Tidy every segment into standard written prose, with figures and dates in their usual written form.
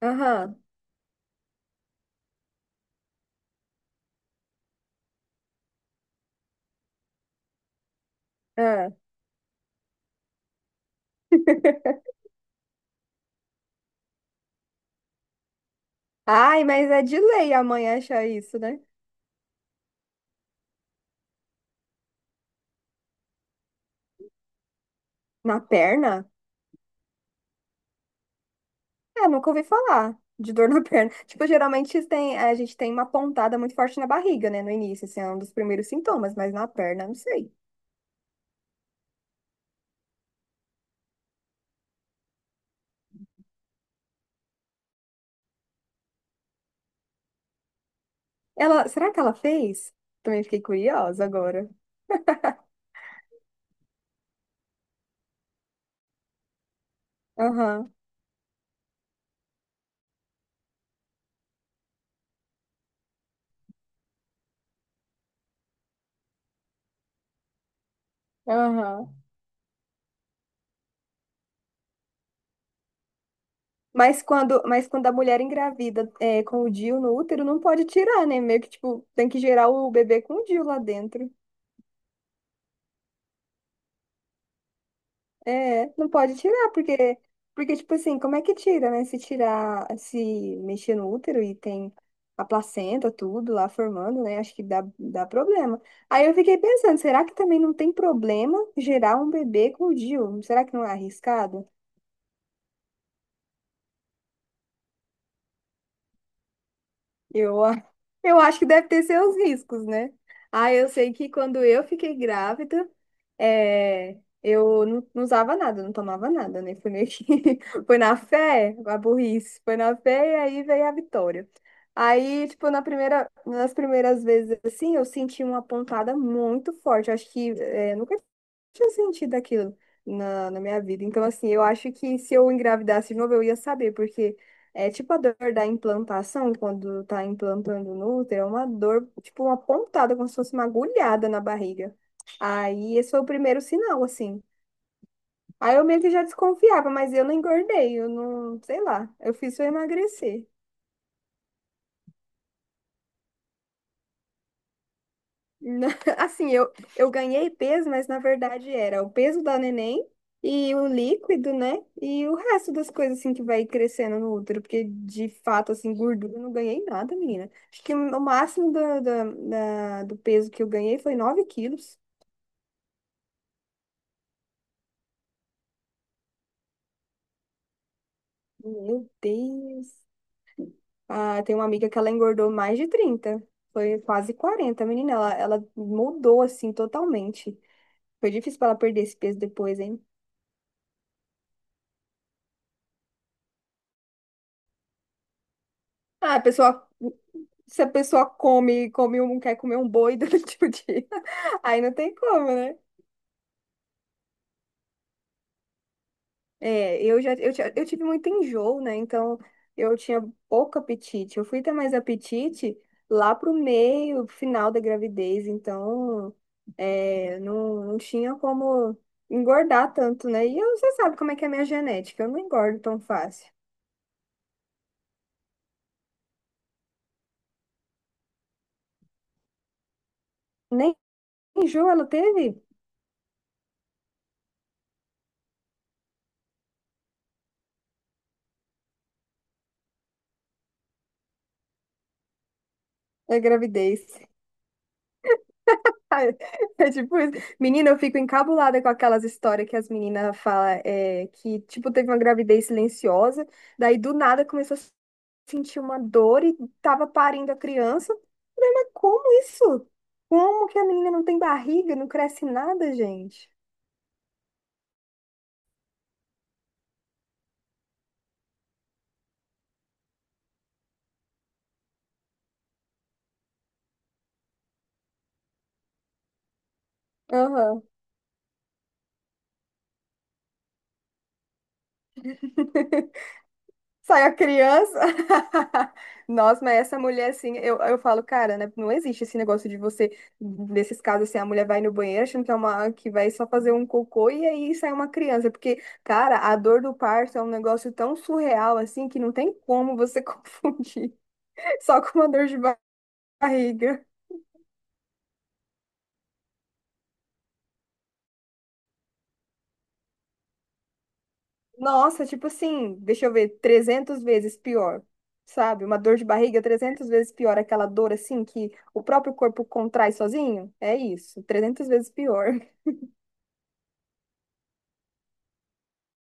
Aham. ah. Ai, mas é de lei a mãe achar isso, né? Na perna? É, nunca ouvi falar de dor na perna. Tipo, geralmente tem, a gente tem uma pontada muito forte na barriga, né? No início, assim, é um dos primeiros sintomas, mas na perna, não sei. Ela, será que ela fez? Também fiquei curiosa agora. Aham, aham. Mas quando a mulher engravida é, com o DIU no útero, não pode tirar, né? Meio que, tipo, tem que gerar o bebê com o DIU lá dentro. É, não pode tirar, porque, tipo assim, como é que tira, né? Se tirar, se mexer no útero e tem a placenta, tudo lá formando, né? Acho que dá problema. Aí eu fiquei pensando, será que também não tem problema gerar um bebê com o DIU? Será que não é arriscado? Eu, a- eu acho que deve ter seus riscos, né? Ah, eu sei que quando eu fiquei grávida, é, eu não usava nada, não tomava nada, né? Foi meio que... Foi na fé, a burrice. Foi na fé e aí veio a vitória. Aí, tipo, na primeira, nas primeiras vezes, assim, eu senti uma pontada muito forte. Eu acho que... É, nunca tinha sentido aquilo na minha vida. Então, assim, eu acho que se eu engravidasse de novo, eu ia saber, porque é tipo a dor da implantação, quando tá implantando no útero, é uma dor, tipo uma pontada, como se fosse uma agulhada na barriga. Aí, esse foi o primeiro sinal, assim. Aí eu meio que já desconfiava, mas eu não engordei, eu não, sei lá, eu fiz eu emagrecer. Na- Assim, eu ganhei peso, mas na verdade era o peso da neném e o líquido, né? E o resto das coisas, assim, que vai crescendo no útero, porque de fato, assim, gordura eu não ganhei nada, menina. Acho que o máximo do peso que eu ganhei foi 9 quilos. Meu Deus! Ah, tem uma amiga que ela engordou mais de 30, foi quase 40, menina. Ela mudou, assim, totalmente. Foi difícil para ela perder esse peso depois, hein? Ah, pessoal. Se a pessoa come, come um, quer comer um boi durante o dia, aí não tem como, né? É, eu já, eu tive muito enjoo, né? Então, eu tinha pouco apetite. Eu fui ter mais apetite lá pro meio, final da gravidez. Então, é, não tinha como engordar tanto, né? E eu, você sabe como é que é a minha genética. Eu não engordo tão fácil. Nem enjoo ela teve na gravidez. Ai, é tipo isso. Menina, eu fico encabulada com aquelas histórias que as meninas falam é, que, tipo, teve uma gravidez silenciosa, daí do nada começou a sentir uma dor e tava parindo a criança. Eu falei: Mas como isso? Como que a menina não tem barriga, não cresce nada, gente? Aham. Sai a criança. Nossa, mas essa mulher, assim, eu falo, cara, né, não existe esse negócio de você, nesses casos, assim, a mulher vai no banheiro achando que é uma, que vai só fazer um cocô e aí sai uma criança. Porque, cara, a dor do parto é um negócio tão surreal, assim, que não tem como você confundir só com uma dor de barriga. Nossa, tipo assim, deixa eu ver, 300 vezes pior, sabe? Uma dor de barriga 300 vezes pior, aquela dor assim que o próprio corpo contrai sozinho. É isso, 300 vezes pior.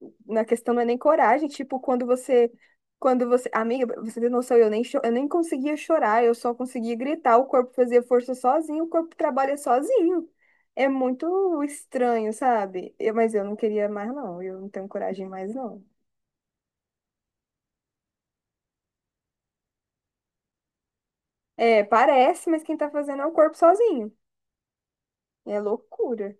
Na questão não é nem coragem, tipo, quando você, amiga, você tem noção, eu nem, eu nem conseguia chorar, eu só conseguia gritar, o corpo fazia força sozinho, o corpo trabalha sozinho. É muito estranho, sabe? Mas eu não queria mais, não, eu não tenho coragem mais, não. É, parece, mas quem tá fazendo é o corpo sozinho. É loucura.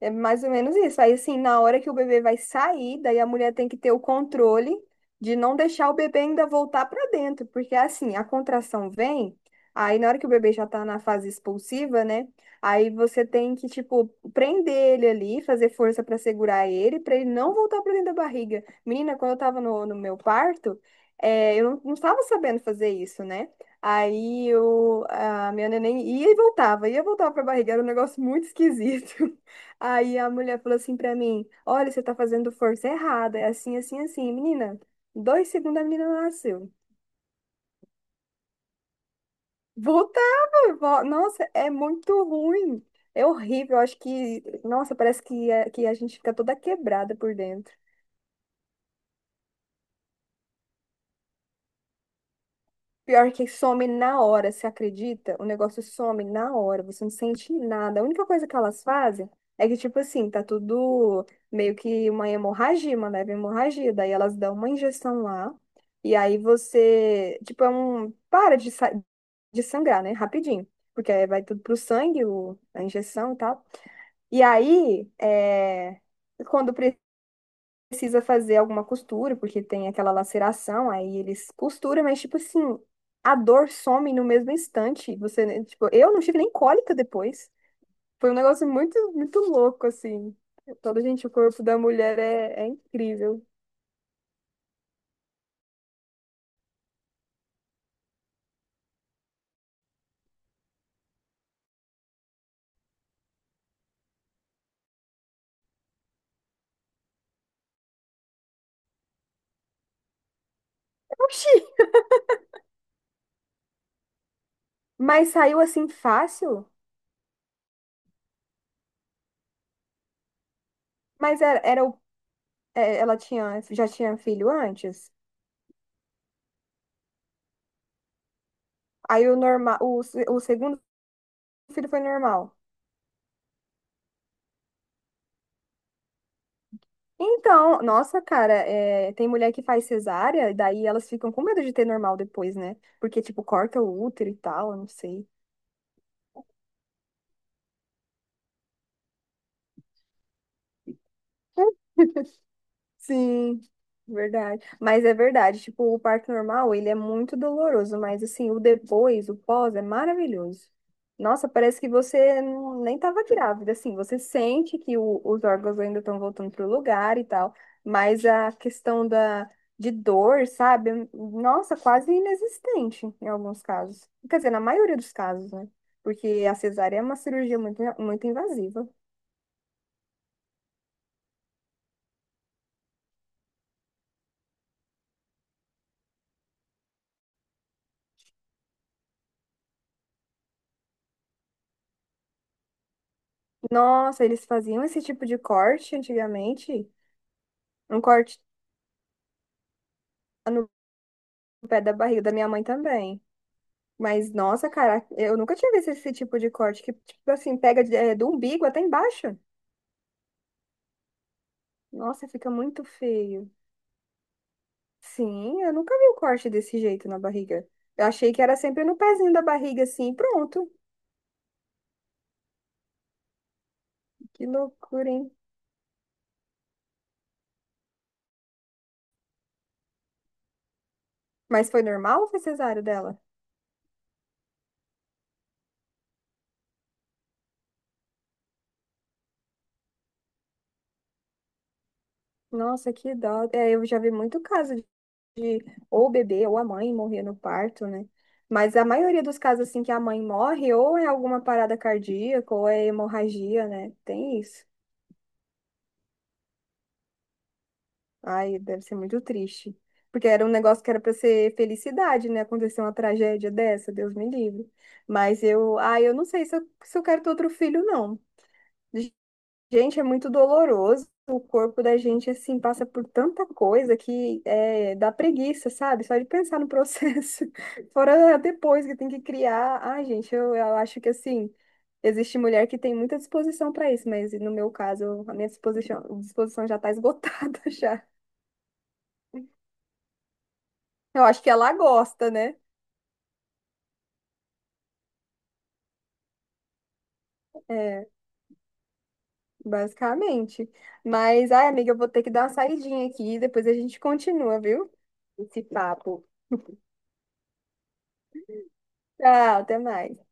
É mais ou menos isso. Aí, assim, na hora que o bebê vai sair, daí a mulher tem que ter o controle de não deixar o bebê ainda voltar para dentro, porque assim, a contração vem, aí na hora que o bebê já tá na fase expulsiva, né? Aí você tem que, tipo, prender ele ali, fazer força para segurar ele, para ele não voltar para dentro da barriga. Menina, quando eu tava no meu parto, é, eu não tava sabendo fazer isso, né? Aí eu, a minha neném ia e voltava pra barriga, era um negócio muito esquisito. Aí a mulher falou assim pra mim: Olha, você tá fazendo força errada. É assim, assim, assim. Menina, dois segundos a menina nasceu. Voltava. Nossa, é muito ruim. É horrível. Eu acho que, nossa, parece que, que a gente fica toda quebrada por dentro. Pior que some na hora, você acredita? O negócio some na hora, você não sente nada. A única coisa que elas fazem é que, tipo assim, tá tudo meio que uma hemorragia, uma leve hemorragia. Daí elas dão uma injeção lá, e aí você, tipo, é um. Para de sangrar, né? Rapidinho. Porque aí vai tudo pro sangue, o... a injeção e tal. E aí, é... quando precisa fazer alguma costura, porque tem aquela laceração, aí eles costuram, mas tipo assim, a dor some no mesmo instante. Você, né, tipo, eu não tive nem cólica depois. Foi um negócio muito, muito louco, assim. Todo, gente, o corpo da mulher é incrível. Oxi! Mas saiu assim fácil? Mas era, era o, é, ela tinha, já tinha filho antes? Aí o normal, o, o segundo filho foi normal. Então, nossa, cara, é, tem mulher que faz cesárea, e daí elas ficam com medo de ter normal depois, né? Porque, tipo, corta o útero e tal, eu não sei. Sim, verdade. Mas é verdade, tipo, o parto normal, ele é muito doloroso, mas assim, o depois, o pós é maravilhoso. Nossa, parece que você nem estava grávida, assim, você sente que os órgãos ainda estão voltando pro lugar e tal, mas a questão da de dor, sabe? Nossa, quase inexistente em alguns casos. Quer dizer, na maioria dos casos, né? Porque a cesárea é uma cirurgia muito, muito invasiva. Nossa, eles faziam esse tipo de corte antigamente. Um corte no pé da barriga da minha mãe também. Mas, nossa, cara, eu nunca tinha visto esse tipo de corte que, tipo assim, pega do umbigo até embaixo. Nossa, fica muito feio. Sim, eu nunca vi um corte desse jeito na barriga. Eu achei que era sempre no pezinho da barriga, assim, e pronto. Que loucura, hein? Mas foi normal ou foi cesárea dela? Nossa, que dó. É, eu já vi muito caso ou o bebê ou a mãe morrer no parto, né? Mas a maioria dos casos, assim, que a mãe morre, ou é alguma parada cardíaca, ou é hemorragia, né? Tem isso. Ai, deve ser muito triste. Porque era um negócio que era para ser felicidade, né? Acontecer uma tragédia dessa, Deus me livre. Mas eu, ai, eu não sei se eu quero ter outro filho, não. Gente, é muito doloroso. O corpo da gente, assim, passa por tanta coisa que é, dá preguiça, sabe? Só de pensar no processo. Fora depois que tem que criar. Ai, gente, eu acho que, assim, existe mulher que tem muita disposição para isso, mas no meu caso, a minha disposição já tá esgotada já. Eu acho que ela gosta, né? É, basicamente. Mas, ai, amiga, eu vou ter que dar uma saidinha aqui. Depois a gente continua, viu? Esse papo. Tchau, até mais.